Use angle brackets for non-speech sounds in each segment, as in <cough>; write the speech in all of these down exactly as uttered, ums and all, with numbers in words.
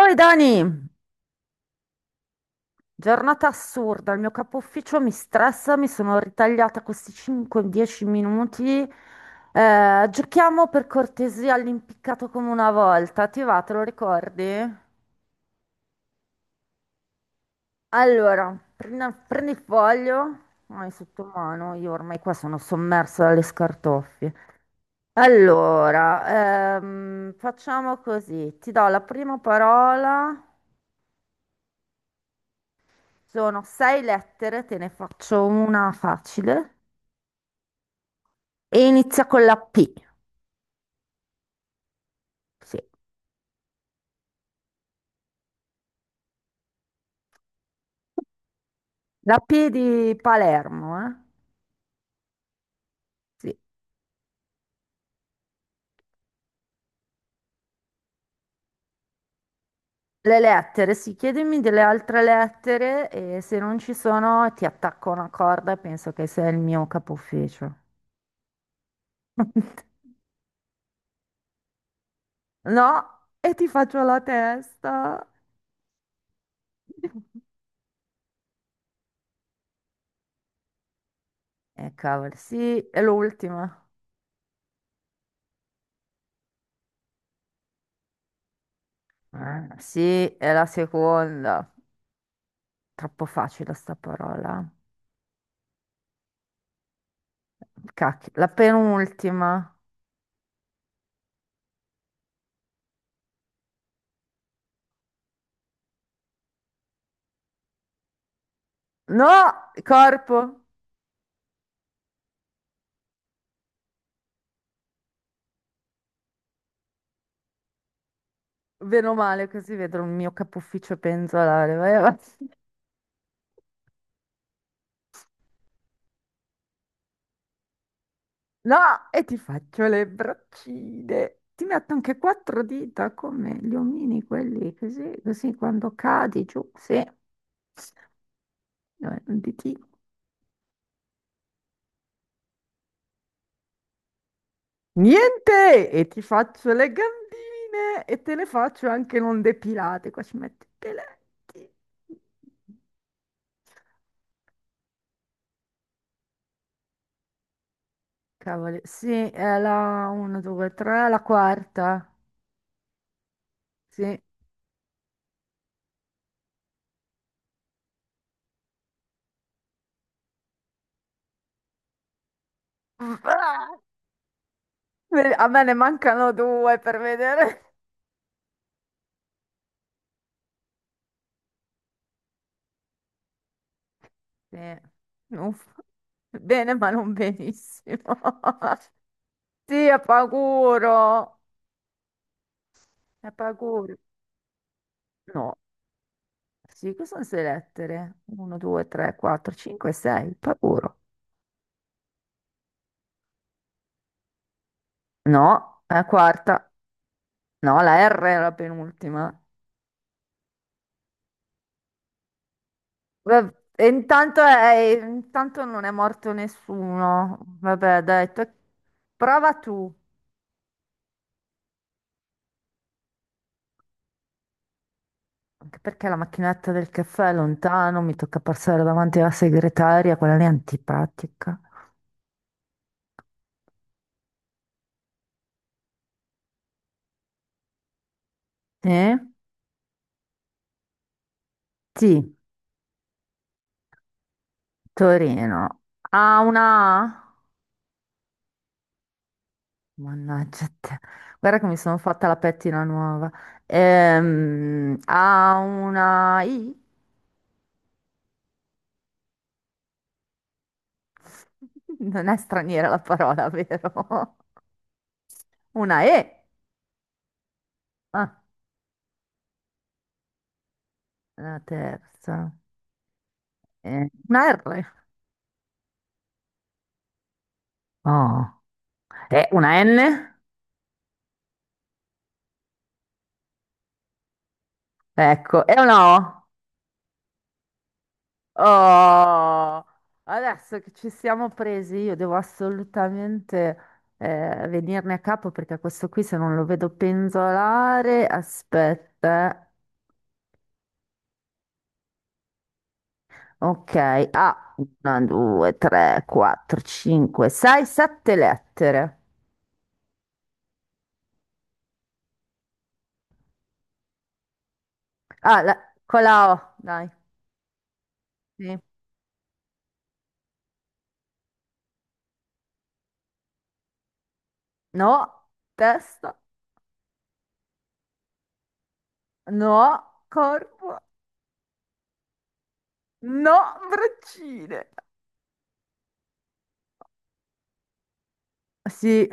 Oi Dani, giornata assurda, il mio capo ufficio mi stressa, mi sono ritagliata questi cinque dieci minuti. Eh, giochiamo per cortesia all'impiccato come una volta, ti va, te lo ricordi? Allora, prendi, prendi il foglio, hai sotto mano, io ormai qua sono sommersa dalle scartoffie. Allora, ehm, facciamo così, ti do la prima parola, sono sei lettere, te ne faccio una facile. E inizia con la P, sì. La P di Palermo, eh? Sì. Le lettere, sì, chiedimi delle altre lettere e se non ci sono ti attacco una corda e penso che sei il mio capo ufficio. <laughs> No, e ti faccio la testa. E cavolo, sì, è l'ultima. Ah, sì, è la seconda. Troppo facile sta parola. Cacchio, la penultima. No, corpo. Bene o male, così vedo il mio capo ufficio penzolare. Vai avanti. No, e ti faccio le braccine. Ti metto anche quattro dita come gli omini, quelli così, così quando cadi giù, sì, Eh, un ditino. Niente! E ti faccio le gambine e te le faccio anche non depilate. Qua ci metti i peletti. Cavoli, sì, è la uno, due, tre, la quarta. Sì. Ah! Beh, a me ne mancano due per vedere. Sì. Uff. Bene, ma non benissimo. <laughs> Sì, è paguro. È paguro. No. Sì, cosa sono sei lettere? uno, due, tre, quattro, cinque, sei. Paguro. No, è la quarta. No, la R è la penultima. Vabb- e intanto, è- intanto non è morto nessuno. Vabbè, dai, to- prova tu. Anche perché la macchinetta del caffè è lontano, mi tocca passare davanti alla segretaria, quella lì è antipatica. Eh? Sì, Torino. Ah, una A? Mannaggia te. Guarda che mi sono fatta la pettina nuova. Ehm, ha una I? <laughs> Non è straniera la parola, vero? <laughs> Una E? Ah, la terza. Eh, una R? Oh. E una N? Ecco, e una O? No? Oh, adesso che ci siamo presi, io devo assolutamente eh, venirne a capo perché questo qui se non lo vedo penzolare, aspetta. eh. Ok, ah, una, due, tre, quattro, cinque, sei, sette lettere. Ah, la- con la O, dai. Sì. No, testa, no, corpo, no, braccine. Sì,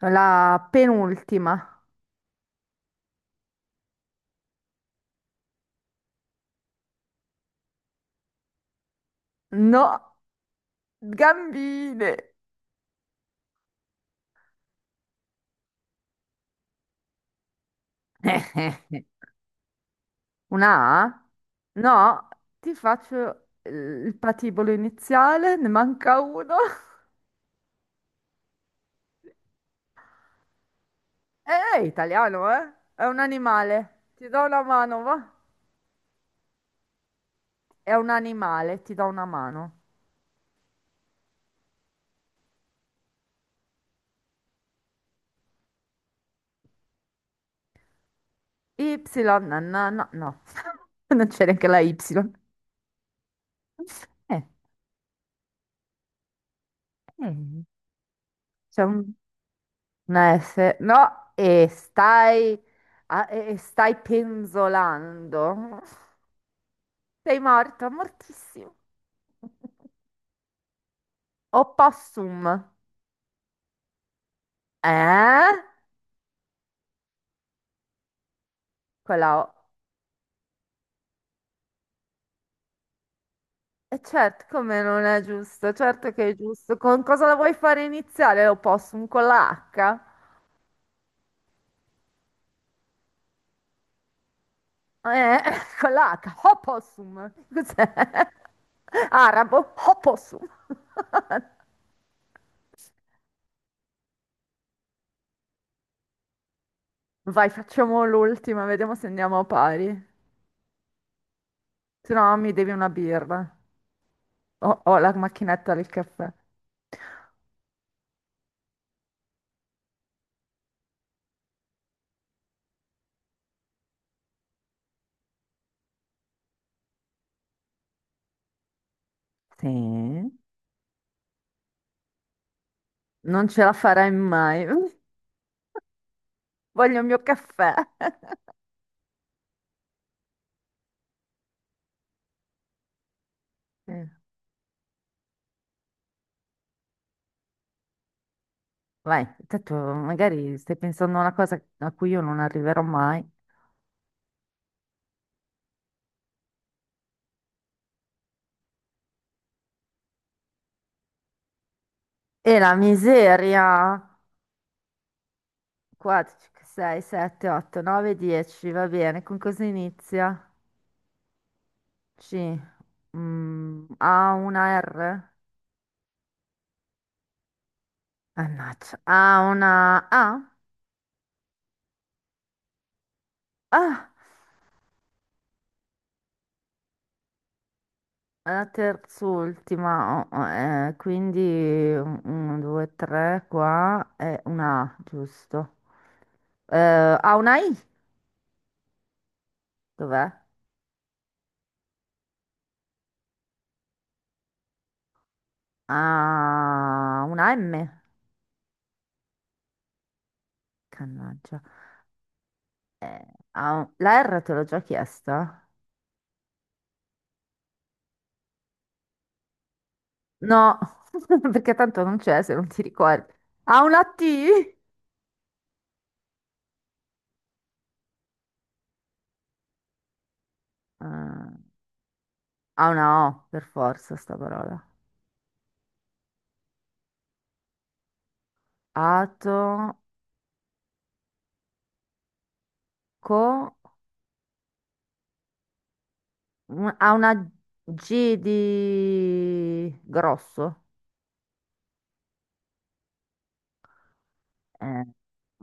la penultima. No. Gambine. <laughs> Una A? No, ti faccio eh, il patibolo iniziale, ne manca uno. <laughs> Eh, è italiano, eh? È un animale. Ti do una mano, va? È un animale, ti do una mano. Y, no, no, no, no. <laughs> Non c'è neanche la Y. Eh, eh. C'è un- una S. No, e stai, a- e stai penzolando. Sei morto, mortissimo. <laughs> Opossum. Eh? Con la O. E certo, come non è giusto? Certo che è giusto. Con cosa la vuoi fare iniziale l'opossum? Con la H? Eh, <laughs> con la H. Opossum. Cos'è? Arabo? Opossum. Vai, facciamo l'ultima, vediamo se andiamo a pari. Se no, mi devi una birra. Ho, ho la macchinetta del caffè. Sì? Non ce la farai mai. <laughs> Voglio il mio caffè. Sì. Vai, tanto magari stai pensando a una cosa a cui io non arriverò mai. E la miseria. quattro, cinque, sei, sette, otto, nove, dieci, va bene. Con cosa inizia? C. Mm, ha una R? Mannaggia. Ha una A? Ah, è la terz'ultima. Oh, eh, quindi uno, due, tre qua e una A, giusto. Eh, ha una I? Dov'è? Ha una M? Cannaggia. Eh, ha un- la R te l'ho già chiesta? No, <laughs> perché tanto non c'è se non ti ricordi. Ha una T? Eh, ha una O, per forza, sta parola. Ato, co, un- ha una G di grosso. Eh,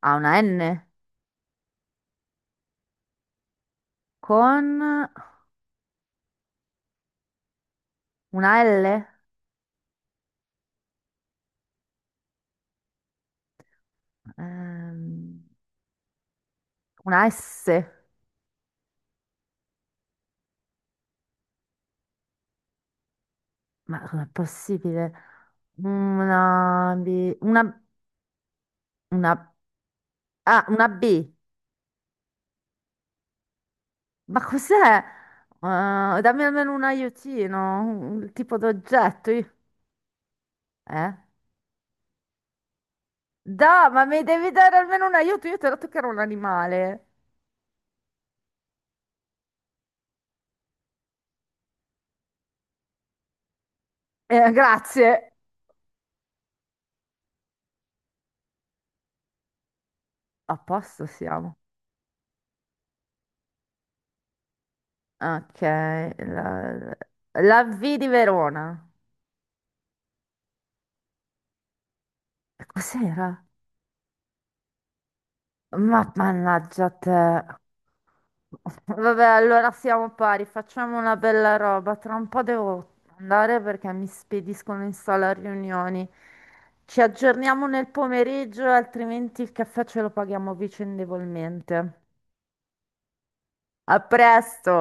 ha una N con una L, ehm, una S. Ma com'è possibile? Una, B- una Una... Ah, una B. Ma cos'è? Ah, dammi almeno un aiutino, un tipo d'oggetto. io- Eh? Da, ma mi devi dare almeno un aiuto. Io ti ho detto che era un animale. Eh, grazie. A posto siamo. Ok. La, la V di Verona. Cos'era? Ma mannaggia te. Vabbè, allora siamo pari, facciamo una bella roba. Tra un po' devo andare perché mi spediscono in sala a riunioni. Ci aggiorniamo nel pomeriggio, altrimenti il caffè ce lo paghiamo vicendevolmente. A presto!